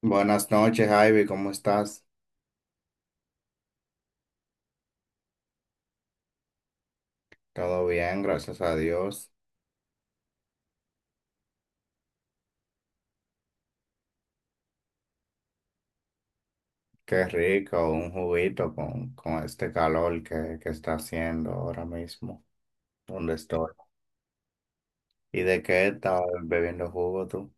Buenas noches, Ivy, ¿cómo estás? Todo bien, gracias a Dios. Qué rico, un juguito con este calor que está haciendo ahora mismo, donde estoy. ¿Y de qué estás bebiendo jugo tú?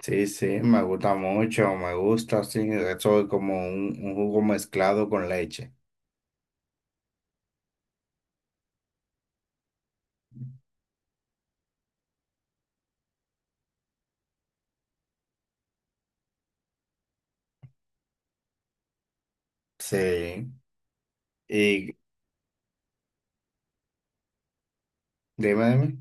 Sí, sí, me gusta mucho, me gusta, sí. Eso es como un jugo mezclado con leche. Sí. Y dime, dime.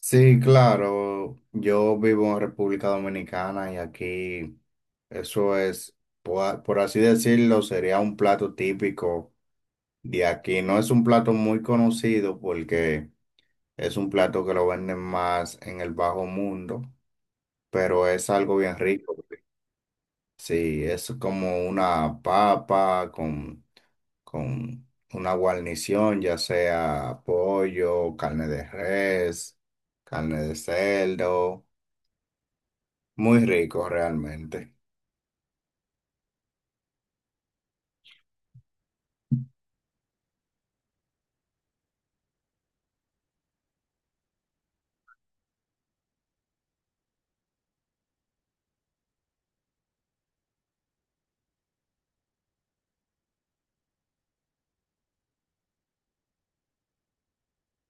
Sí, claro. Yo vivo en República Dominicana y aquí eso es, por así decirlo, sería un plato típico de aquí. No es un plato muy conocido porque es un plato que lo venden más en el bajo mundo, pero es algo bien rico. Sí, es como una papa con una guarnición, ya sea pollo, carne de res, carne de cerdo. Muy rico realmente.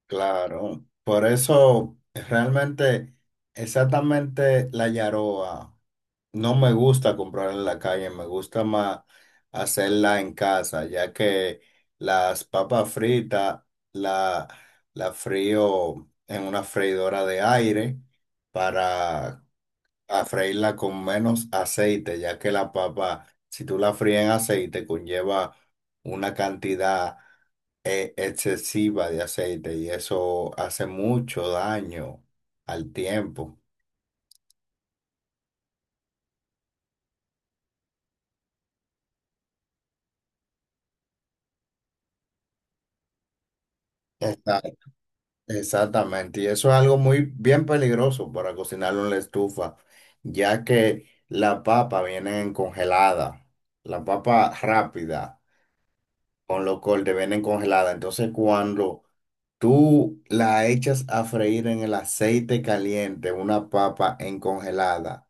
Claro. Por eso realmente exactamente la yaroa no me gusta comprarla en la calle, me gusta más hacerla en casa, ya que las papas fritas la, la frío en una freidora de aire para a freírla con menos aceite, ya que la papa, si tú la fríes en aceite, conlleva una cantidad excesiva de aceite y eso hace mucho daño al tiempo. Esta- exactamente, y eso es algo muy bien peligroso para cocinarlo en la estufa, ya que la papa viene congelada, la papa rápida con los cortes vienen congeladas, entonces cuando tú la echas a freír en el aceite caliente, una papa en congelada.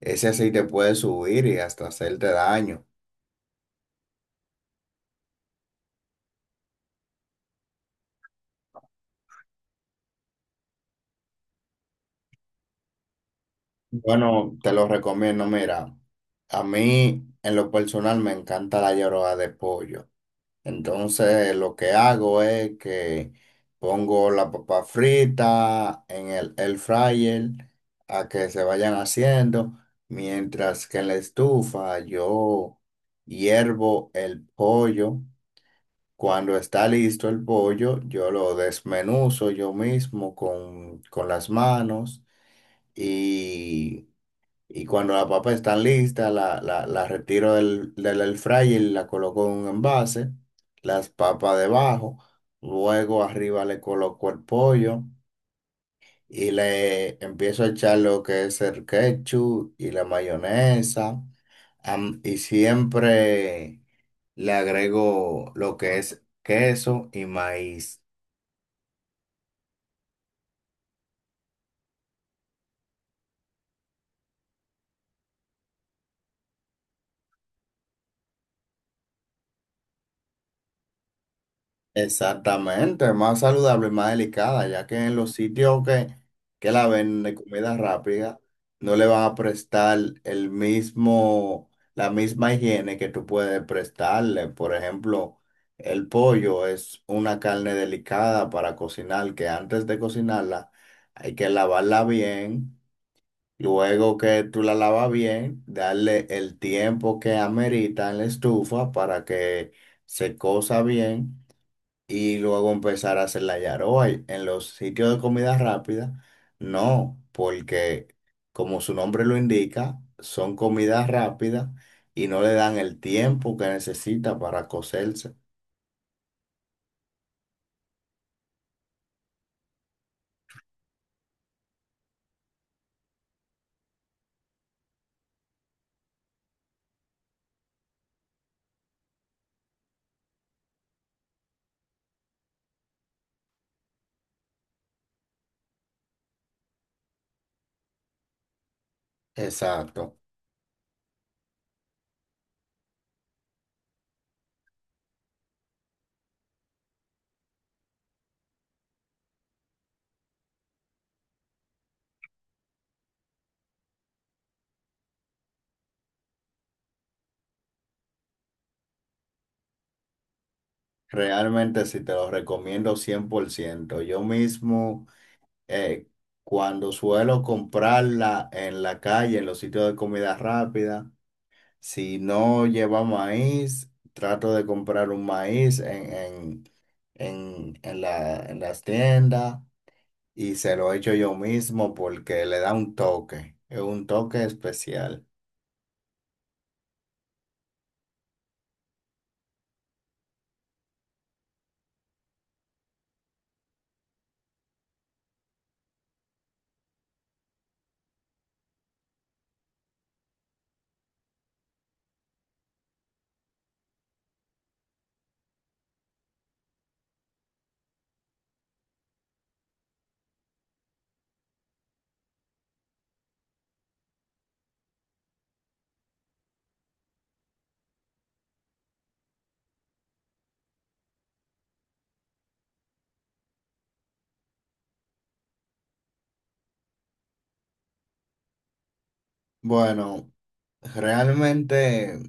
Ese aceite puede subir y hasta hacerte daño. Bueno, te lo recomiendo. Mira, a mí en lo personal me encanta la llorada de pollo. Entonces lo que hago es que pongo la papa frita en el fryer a que se vayan haciendo, mientras que en la estufa yo hiervo el pollo. Cuando está listo el pollo, yo lo desmenuzo yo mismo con las manos y y cuando las papas están listas, la retiro del air fryer y la coloco en un envase. Las papas debajo. Luego arriba le coloco el pollo y le empiezo a echar lo que es el ketchup y la mayonesa. Y siempre le agrego lo que es queso y maíz. Exactamente, es más saludable, más delicada, ya que en los sitios que la venden de comida rápida no le van a prestar el mismo, la misma higiene que tú puedes prestarle. Por ejemplo, el pollo es una carne delicada para cocinar, que antes de cocinarla hay que lavarla bien, luego que tú la lavas bien, darle el tiempo que amerita en la estufa para que se cosa bien y luego empezar a hacer la yaroa y en los sitios de comida rápida. No, porque como su nombre lo indica, son comidas rápidas y no le dan el tiempo que necesita para cocerse. Exacto. Realmente sí te lo recomiendo 100%. Yo mismo, eh, cuando suelo comprarla en la calle, en los sitios de comida rápida, si no lleva maíz, trato de comprar un maíz en las tiendas y se lo echo yo mismo porque le da un toque, es un toque especial. Bueno, realmente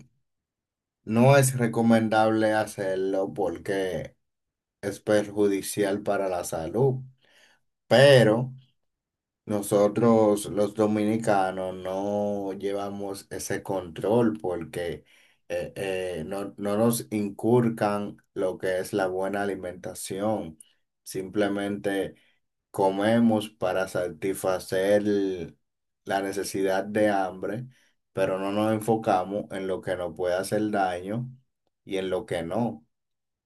no es recomendable hacerlo porque es perjudicial para la salud, pero. Nosotros los dominicanos no llevamos ese control porque no, no nos inculcan lo que es la buena alimentación. Simplemente comemos para satisfacer la necesidad de hambre, pero no nos enfocamos en lo que nos puede hacer daño y en lo que no.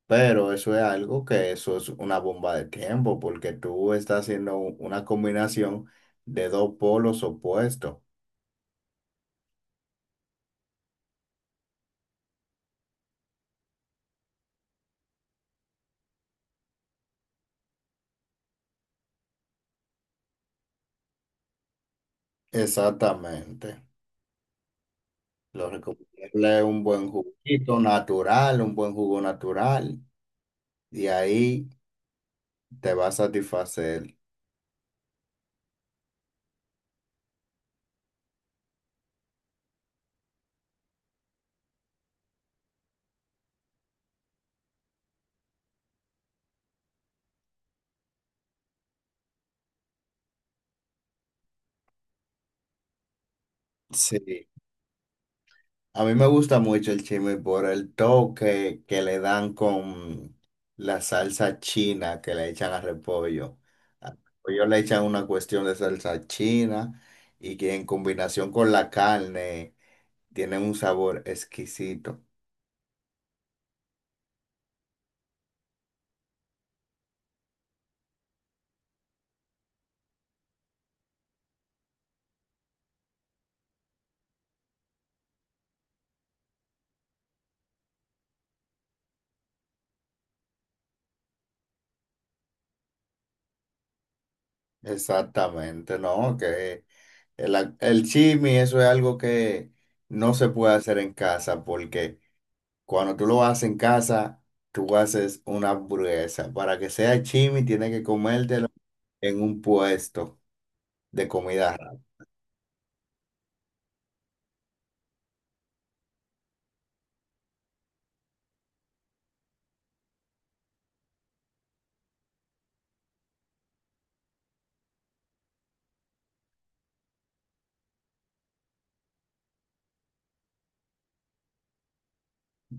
Pero eso es algo que eso es una bomba de tiempo, porque tú estás haciendo una combinación de dos polos opuestos. Exactamente. Lo recomendable es un buen juguito natural, un buen jugo natural, y ahí te va a satisfacer. Sí. A mí me gusta mucho el chisme por el toque que le dan con la salsa china que le echan al repollo. Al repollo le echan una cuestión de salsa china y que en combinación con la carne tiene un sabor exquisito. Exactamente, ¿no? Que el chisme, eso es algo que no se puede hacer en casa porque cuando tú lo haces en casa, tú haces una hamburguesa. Para que sea chimi, tienes que comértelo en un puesto de comida rápida.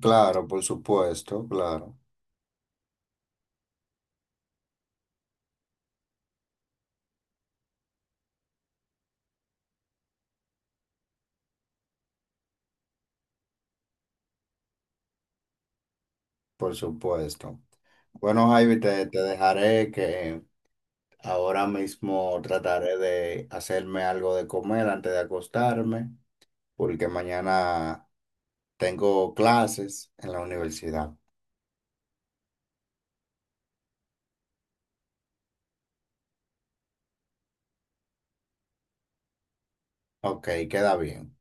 Claro, por supuesto, claro, por supuesto. Bueno, Javi, te dejaré que ahora mismo trataré de hacerme algo de comer antes de acostarme, porque mañana tengo clases en la universidad. Ok, queda bien.